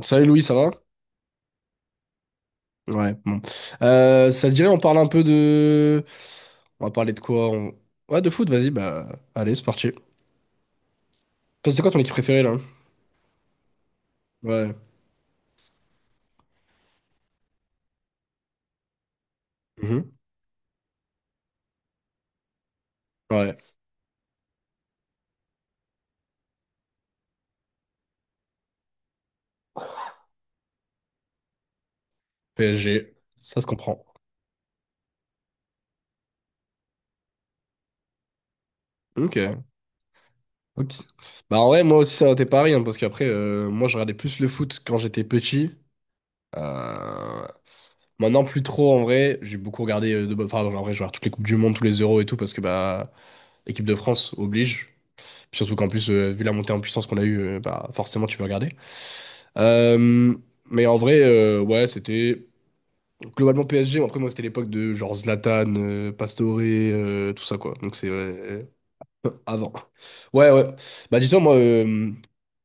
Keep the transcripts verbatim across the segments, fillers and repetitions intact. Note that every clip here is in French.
Salut Louis, ça va? Ouais, bon. Euh, ça te dirait, on parle un peu de... On va parler de quoi? on- Ouais, de foot, vas-y, bah allez, c'est parti. Toi, c'est quoi ton équipe préférée là? Ouais. Mhm. Ouais, P S G, ça se comprend. Ok. Ok. Bah en vrai, moi aussi, ça t'es pareil, hein, parce qu'après, euh, moi, je regardais plus le foot quand j'étais petit. Euh, Maintenant, plus trop, en vrai. J'ai beaucoup regardé, euh, de... enfin, en vrai, je regarde toutes les Coupes du Monde, tous les Euros et tout, parce que, bah, équipe de France oblige. Puis surtout qu'en plus, euh, vu la montée en puissance qu'on a eue, euh, bah, forcément, tu veux regarder. Euh, mais en vrai, euh, ouais, c'était globalement P S G. Après, moi, c'était l'époque de genre Zlatan, euh, Pastore, euh, tout ça, quoi. Donc, c'est ouais, euh, avant. Ouais, ouais. Bah, dis-toi, moi, euh,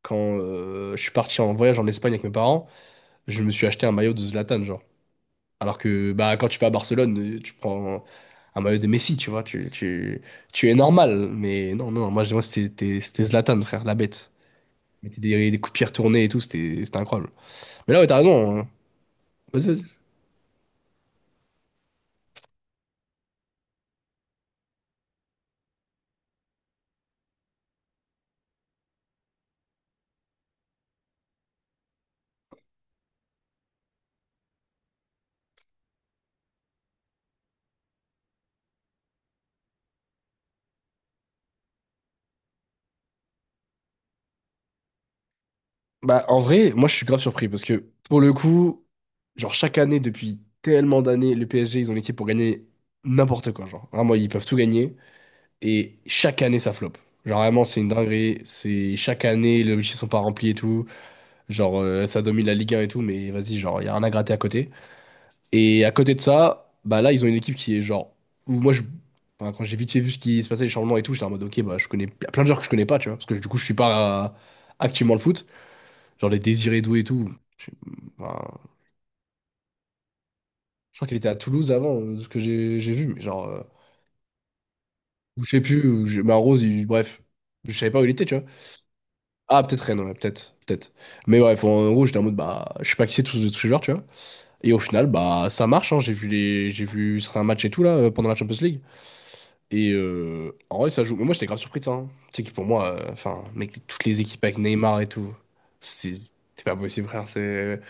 quand euh, je suis parti en voyage en Espagne avec mes parents, je me suis acheté un maillot de Zlatan, genre. Alors que, bah, quand tu vas à Barcelone, euh, tu prends un maillot de Messi, tu vois. Tu, tu, tu es normal. Mais non, non, moi, je- moi, c'était c'était c'était Zlatan, frère, la bête mettait des, des coups de pierre tournés et tout, c'était c'était incroyable. Mais là, ouais, t'as raison, hein. Vas-y, vas-y. Bah, en vrai, moi, je suis grave surpris parce que pour le coup, genre, chaque année, depuis tellement d'années, le P S G, ils ont l'équipe pour gagner n'importe quoi. Genre, vraiment, ils peuvent tout gagner et chaque année, ça flop. Genre, vraiment, c'est une dinguerie. C'est chaque année, les objectifs sont pas remplis et tout. Genre, euh, ça domine la Ligue un et tout, mais vas-y, genre, il y a rien à gratter à côté. Et à côté de ça, bah là, ils ont une équipe qui est genre. Où moi, je... enfin, quand j'ai vite fait vu ce qui se passait, les changements et tout, j'étais en mode, ok, bah, je connais il y a plein de joueurs que je connais pas, tu vois. Parce que du coup, je suis pas euh, activement le foot. Genre les Désiré Doué et tout. Je, enfin, je crois qu'il était à Toulouse avant, euh, de ce que j'ai j'ai vu. Mais genre. euh, Ou je sais plus. Ou je- Mais en Rose, il- bref. Je savais pas où il était, tu vois. Ah, peut-être Rennes, ouais, peut-être. Peut-être. Mais bref, en en gros, j'étais en mode, bah, je sais pas qui c'est tous tous ces joueurs, tu vois. Et au final, bah, ça marche, hein. J'ai vu les... j'ai vu ce un match et tout, là, euh, pendant la Champions League. Et euh, en vrai, ça joue. Mais moi, j'étais grave surpris de ça, hein. Tu sais que pour moi, euh, enfin, mec, toutes les équipes avec Neymar et tout, c'est c'est pas possible, frère. C'est...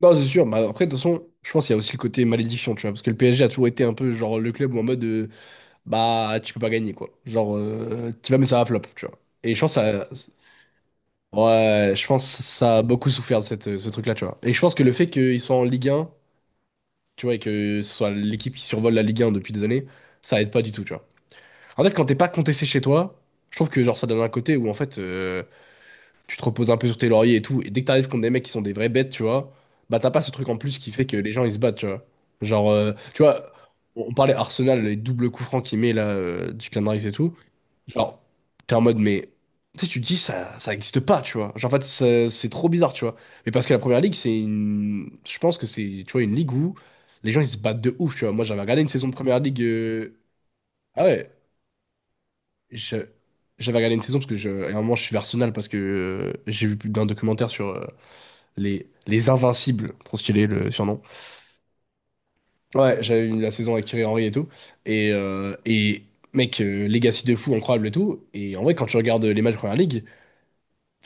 Non, c'est sûr. Mais après, de toute façon, je pense qu'il y a aussi le côté malédiction, tu vois. Parce que le P S G a toujours été un peu genre le club où en mode euh, bah, tu peux pas gagner, quoi. Genre, euh, tu vas, mais ça va flop, tu vois. Et je pense que ça. Ouais, je pense que ça a beaucoup souffert de cette, ce truc-là, tu vois. Et je pense que le fait qu'ils soient en Ligue un, tu vois, et que ce soit l'équipe qui survole la Ligue un depuis des années, ça aide pas du tout, tu vois. En fait, quand t'es pas contesté chez toi, je trouve que genre ça donne un côté où en fait euh, tu te reposes un peu sur tes lauriers et tout, et dès que t'arrives contre des mecs qui sont des vraies bêtes, tu vois, bah t'as pas ce truc en plus qui fait que les gens ils se battent, tu vois. Genre, euh, tu vois, on on parlait Arsenal, les doubles coups francs qu'il met là, euh, du clan et tout. Genre, t'es en mode, mais tu sais, tu te dis ça, ça existe pas, tu vois. Genre, en fait, ça- c'est trop bizarre, tu vois. Mais parce que la première ligue, c'est une. Je pense que c'est, tu vois, une ligue où les gens ils se battent de ouf, tu vois. Moi j'avais regardé une saison de première ligue. euh, Ah ouais, je- j'avais regardé une saison parce que je, à un moment je suis Arsenal parce que euh, j'ai vu plus d'un documentaire sur euh, les, les Invincibles, trop stylé le surnom. Ouais, j'avais vu la saison avec Thierry Henry et tout. Et, euh, et mec, euh, legacy de fou, incroyable et tout. Et en vrai, quand tu regardes les matchs de Première Ligue,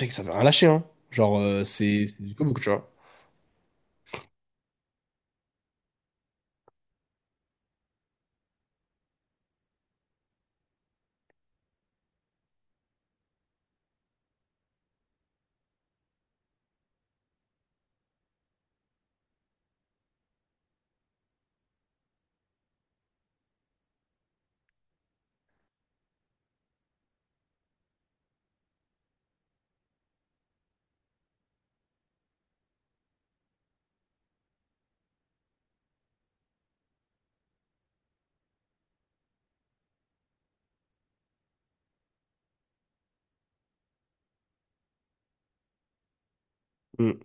mec, ça veut rien lâcher, hein. Genre, euh, c'est c'est du comique, tu vois. Mm.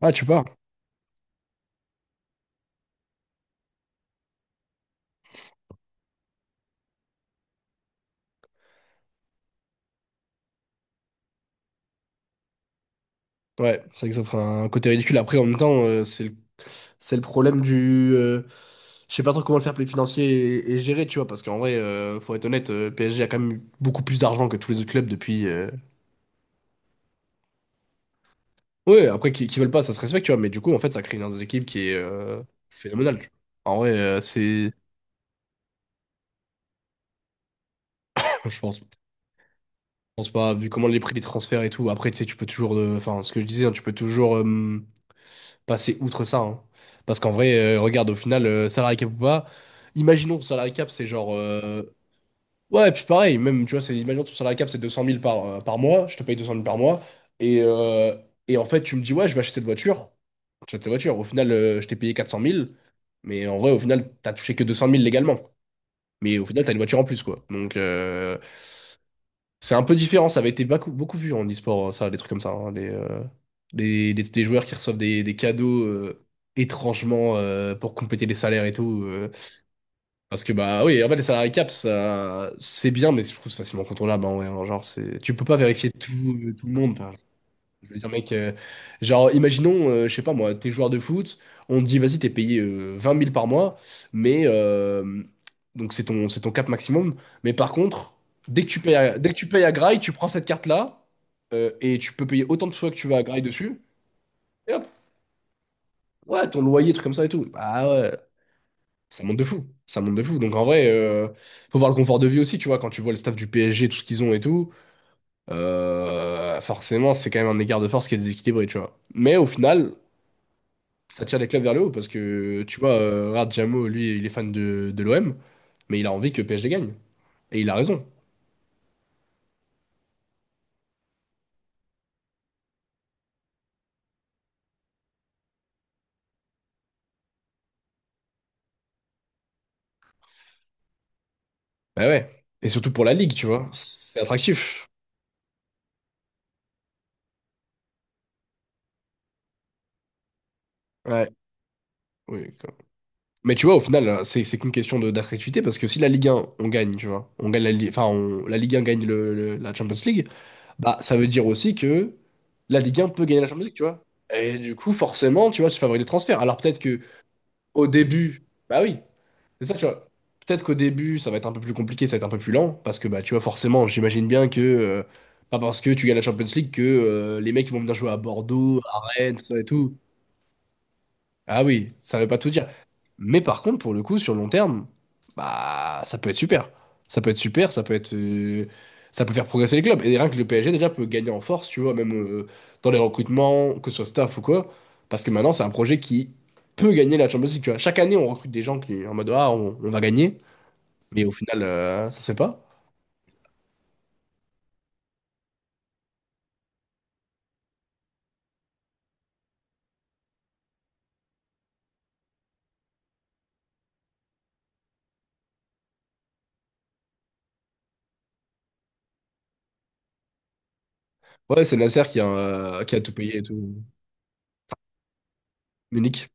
Ah, tu pars. Ouais, c'est vrai que ça ferait un côté ridicule. Après, en même temps, euh, c'est le C'est le problème du. euh, Je sais pas trop comment le fair play financier est, est géré, tu vois, parce qu'en vrai, euh, faut être honnête, euh, P S G a quand même eu beaucoup plus d'argent que tous les autres clubs depuis. euh, Ouais, après, qui, qui veulent pas, ça se respecte, tu vois, mais du coup, en fait, ça crée une équipe qui est euh, phénoménale, tu vois. En vrai, euh, c'est. Enfin, Je pense, je pense pas, vu comment les prix des transferts et tout. Après, tu sais, tu peux toujours. euh, Enfin, ce que je disais, hein, tu peux toujours euh, passer outre ça, hein. Parce qu'en vrai, euh, regarde, au final, euh, salary cap ou pas, imaginons, salary cap, c'est genre. euh, Ouais, et puis pareil, même, tu vois, c'est, imagine ton salaire cap, c'est deux cent mille par, euh, par mois, je te paye deux cent mille par mois, et, euh, et en fait, tu me dis, ouais, je vais acheter cette voiture, tu achètes ta voiture, au final, euh, je t'ai payé quatre cent mille, mais en vrai, au final, t'as touché que deux cent mille légalement, mais au final, t'as une voiture en plus, quoi. Donc, euh, c'est un peu différent, ça avait été beaucoup, beaucoup vu en e-sport, hein, ça, des trucs comme ça, hein, les, euh, les, les- les joueurs qui reçoivent des, des cadeaux euh, étrangement euh, pour compléter les salaires et tout. euh, Parce que bah oui, en fait les salary caps, ça c'est bien, mais je trouve ça facilement contournable. Bah ouais, alors, genre c'est, tu peux pas vérifier tout, euh, tout le monde. Enfin, je veux dire mec, euh, genre imaginons, euh, je sais pas moi, t'es joueur de foot, on te dit vas-y t'es payé euh, vingt mille par mois, mais euh, donc c'est ton c'est ton cap maximum. Mais par contre, dès que tu payes à, dès que tu payes à Grail, tu prends cette carte là et tu peux payer autant de fois que tu veux à Grail dessus. Et hop, ouais ton loyer truc comme ça et tout. Bah ouais, ça monte de fou, ça monte de fou. Donc en vrai, euh, faut voir le confort de vie aussi, tu vois, quand tu vois le staff du P S G, tout ce qu'ils ont et tout, euh, forcément, c'est quand même un écart de force qui est déséquilibré, tu vois. Mais au final, ça tire les clubs vers le haut parce que, tu vois, euh, regarde, Diamo, lui, il est fan de, de l'O M, mais il a envie que P S G gagne. Et il a raison. Bah ouais. Et surtout pour la Ligue, tu vois, c'est attractif. Ouais. Oui, quoi. Mais tu vois, au final, euh, c'est c'est qu'une question de- d'attractivité parce que si la Ligue un, on gagne, tu vois, on gagne la, Li- enfin, on- la Ligue un gagne le, le- la Champions League. Bah, ça veut dire aussi que la Ligue un peut gagner la Champions League, tu vois. Et du coup, forcément, tu vois, tu favorises les transferts. Alors peut-être que au début, bah oui, c'est ça, tu vois. Peut-être qu'au début, ça va être un peu plus compliqué, ça va être un peu plus lent, parce que bah tu vois, forcément, j'imagine bien que euh, pas parce que tu gagnes la Champions League que euh, les mecs ils vont venir jouer à Bordeaux, à Rennes, tout ça et tout. Ah oui, ça veut pas tout dire. Mais par contre, pour le coup, sur le long terme, bah ça peut être super. Ça peut être super, ça peut être euh, ça peut faire progresser les clubs. Et rien que le P S G déjà peut gagner en force, tu vois, même euh, dans les recrutements, que ce soit staff ou quoi. Parce que maintenant, c'est un projet qui peut gagner la Champions League, tu vois. Chaque année, on recrute des gens qui en mode ah on, on va gagner, mais au final, euh, ça se fait pas. Ouais, c'est Nasser qui a, euh, qui a tout payé et tout. Munich.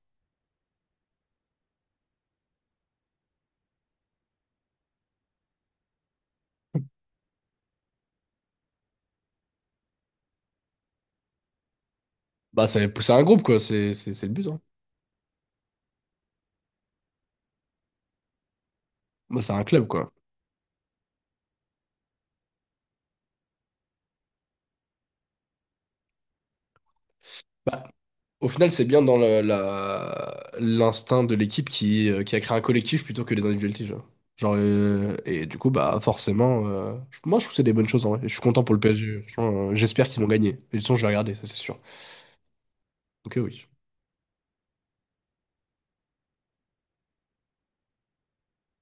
Bah c'est c'est un groupe quoi, c'est c'est- c'est le but, hein. Bah c'est un club quoi. Bah, au final, c'est bien dans la, la- l'instinct de l'équipe qui, euh, qui a créé un collectif plutôt que des individualités. Genre, Genre, euh, et du coup, bah forcément, euh, je- moi je trouve que c'est des bonnes choses en vrai. Je suis content pour le P S G. Franchement, euh, j'espère qu'ils vont gagner. Et de toute façon, je vais regarder, ça c'est sûr. Donc euh, oui.